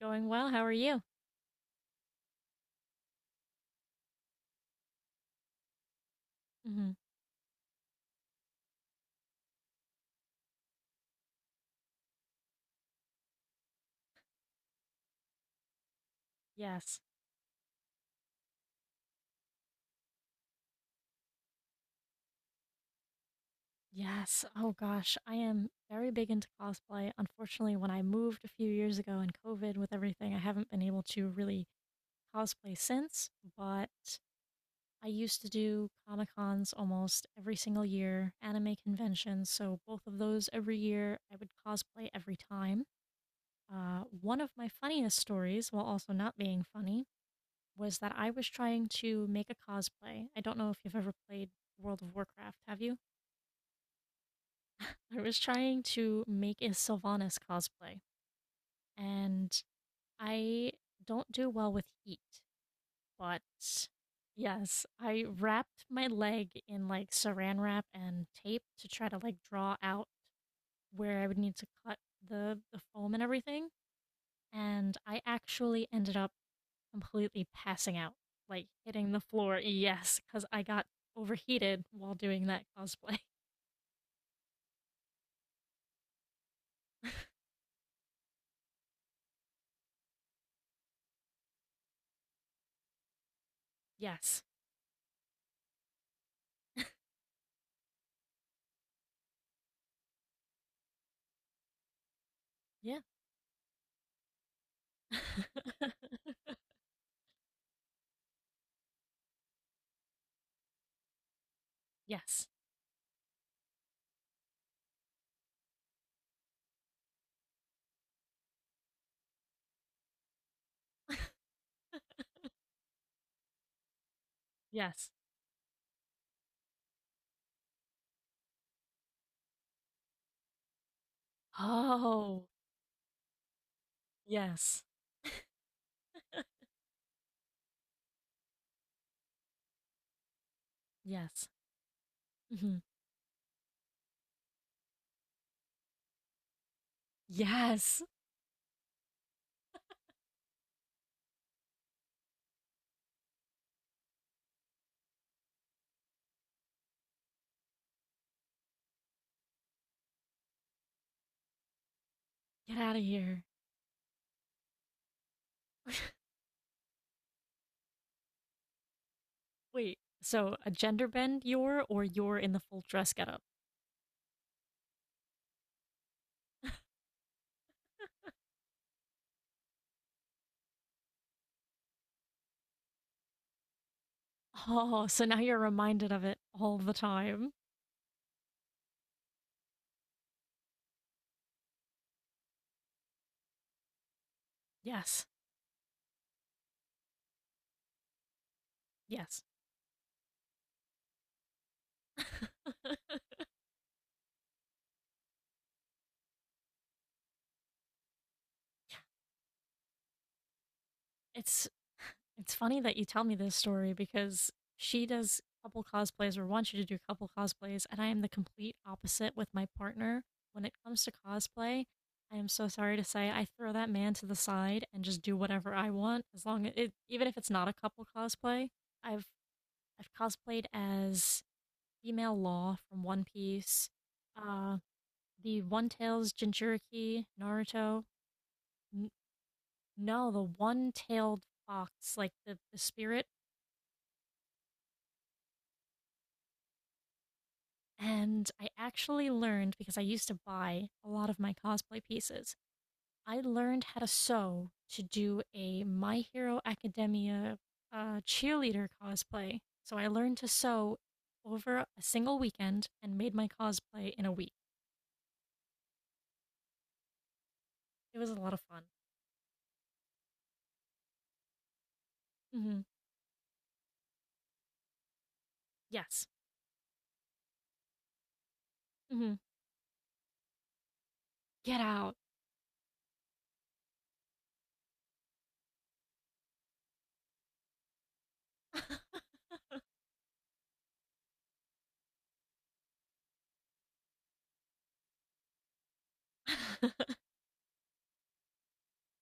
Going well. How are you? Hmm. Yes. Yes. Oh gosh, I am very big into cosplay. Unfortunately, when I moved a few years ago in COVID with everything, I haven't been able to really cosplay since, but I used to do Comic Cons almost every single year, anime conventions. So both of those every year, I would cosplay every time. One of my funniest stories, while also not being funny, was that I was trying to make a cosplay. I don't know if you've ever played World of Warcraft, have you? I was trying to make a Sylvanas cosplay, and I don't do well with heat, but yes, I wrapped my leg in like saran wrap and tape to try to like draw out where I would need to cut the foam and everything, and I actually ended up completely passing out, like hitting the floor, yes, because I got overheated while doing that cosplay. Yes. Yeah. Yes. Yes. Oh, yes. Yes. Hmm. Yes. Get out of here. Wait, so a gender bend you're or you're in the full dress getup? Oh, so now you're reminded of it all the time. Yes. Yes. It's it's funny that you tell me this story because she does couple cosplays or wants you to do couple cosplays, and I am the complete opposite with my partner. When it comes to cosplay, I am so sorry to say I throw that man to the side and just do whatever I want, as long as it, even if it's not a couple cosplay. I've I've cosplayed as female Law from One Piece, uh, the One Tails Jinchuriki, Naruto. N- no, the one tailed fox, like the spirit. And I actually learned because I used to buy a lot of my cosplay pieces. I learned how to sew to do a My Hero Academia cheerleader cosplay. So I learned to sew over a single weekend and made my cosplay in a week. It was a lot of fun. Hmm. Yes. Hmm. Get out.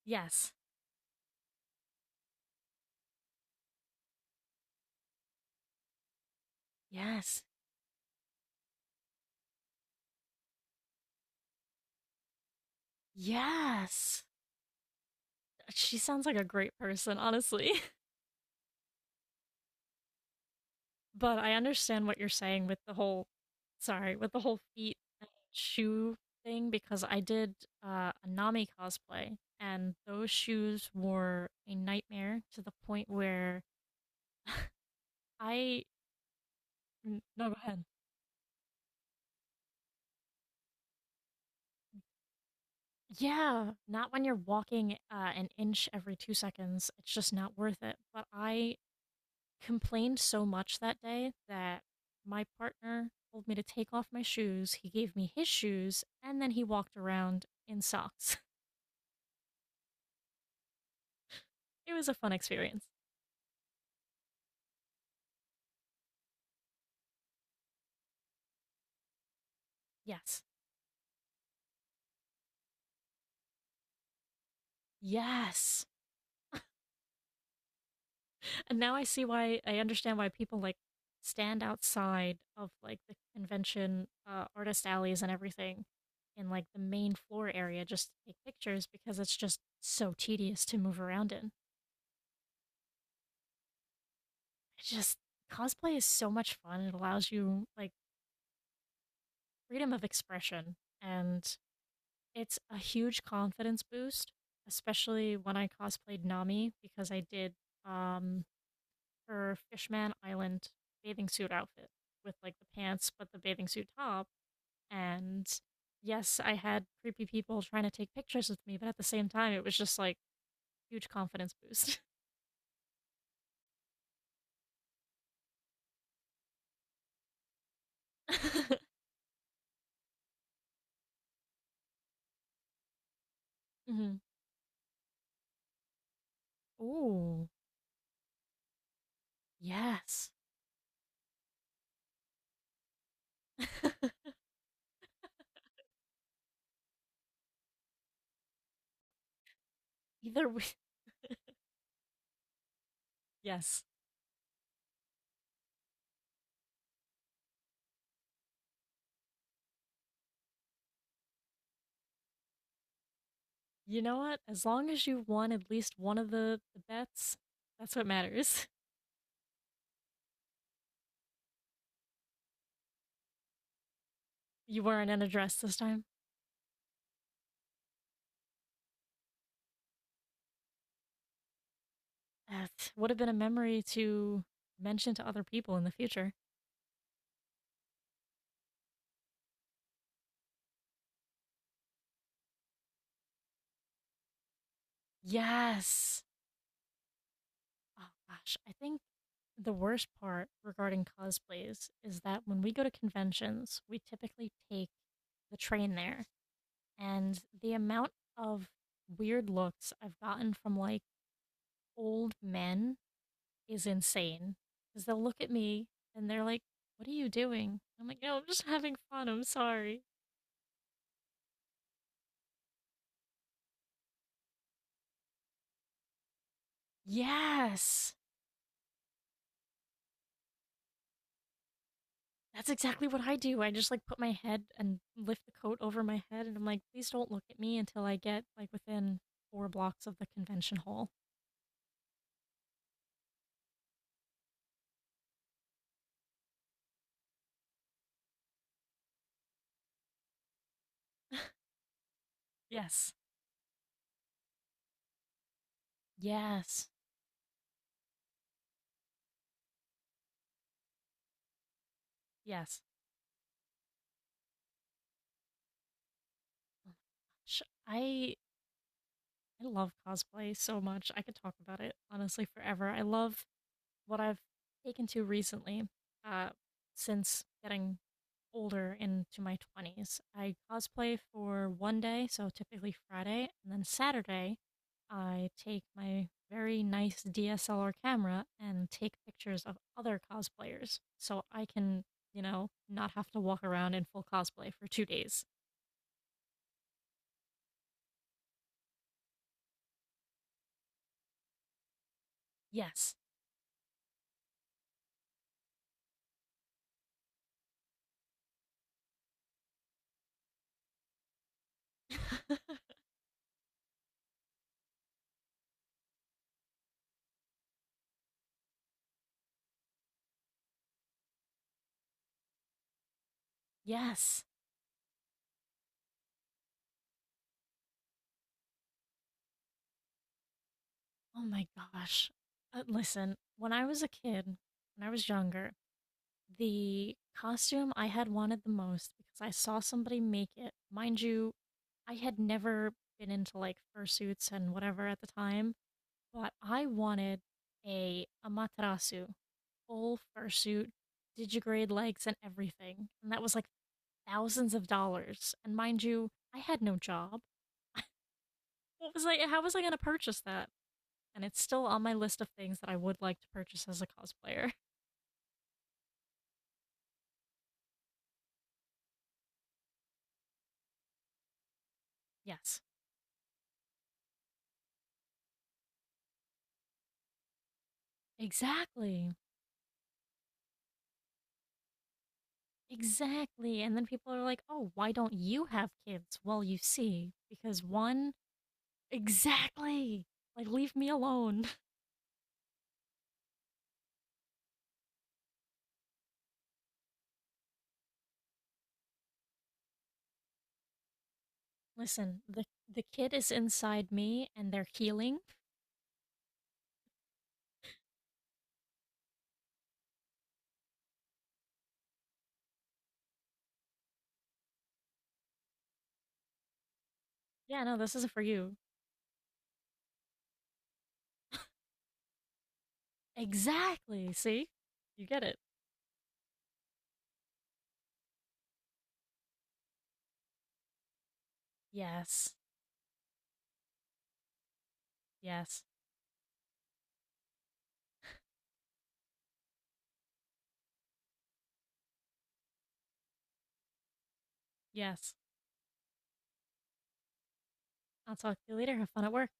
Yes. Yes. Yes. She sounds like a great person, honestly. But I understand what you're saying with the whole sorry, with the whole feet and shoe thing because I did a Nami cosplay and those shoes were a nightmare to the point where I no go ahead. Yeah, not when you're walking an inch every 2 seconds. It's just not worth it. But I complained so much that day that my partner told me to take off my shoes. He gave me his shoes, and then he walked around in socks. It was a fun experience. Yes. Yes. And now I see why I understand why people like stand outside of like the convention artist alleys and everything in like the main floor area just to take pictures because it's just so tedious to move around in. It's just cosplay is so much fun. It allows you like freedom of expression and it's a huge confidence boost, especially when I cosplayed Nami because I did um her Fishman Island bathing suit outfit with like the pants, but the bathing suit top. And yes, I had creepy people trying to take pictures with me, but at the same time, it was just like huge confidence boost. Hmm. Ooh, yes. Either way, yes. You know what? As long as you won at least one of the bets, that's what matters. You weren't in a dress this time. That would have been a memory to mention to other people in the future. Yes. Oh gosh, I think the worst part regarding cosplays is that when we go to conventions, we typically take the train there, and the amount of weird looks I've gotten from like old men is insane. Because they'll look at me and they're like, "What are you doing?" I'm like, "No, I'm just having fun. I'm sorry." Yes. That's exactly what I do. I just like put my head and lift the coat over my head, and I'm like, please don't look at me until I get like within four blocks of the convention hall. Yes, yes, yes. Oh, I I love cosplay so much. I could talk about it honestly forever. I love what I've taken to recently, uh, since getting older into my 20s, I cosplay for one day, so typically Friday, and then Saturday, I take my very nice DSLR camera and take pictures of other cosplayers so I can, you know, not have to walk around in full cosplay for 2 days. Yes. Yes. Oh my gosh. Listen, when I was a kid, when I was younger, the costume I had wanted the most because I saw somebody make it. Mind you, I had never been into like fursuits and whatever at the time, but I wanted a amaterasu, full fursuit, digigrade legs and everything. And that was like thousands of dollars. And mind you, I had no job. What was I how was I gonna purchase that? And it's still on my list of things that I would like to purchase as a cosplayer. Yes. Exactly. Exactly. And then people are like, oh, why don't you have kids? Well, you see, because one, exactly. Like, leave me alone. Listen, the kid is inside me and they're healing. Yeah, no, this isn't for you. Exactly. See? You get it. Yes. Yes. Yes. I'll talk to you later. Have fun at work.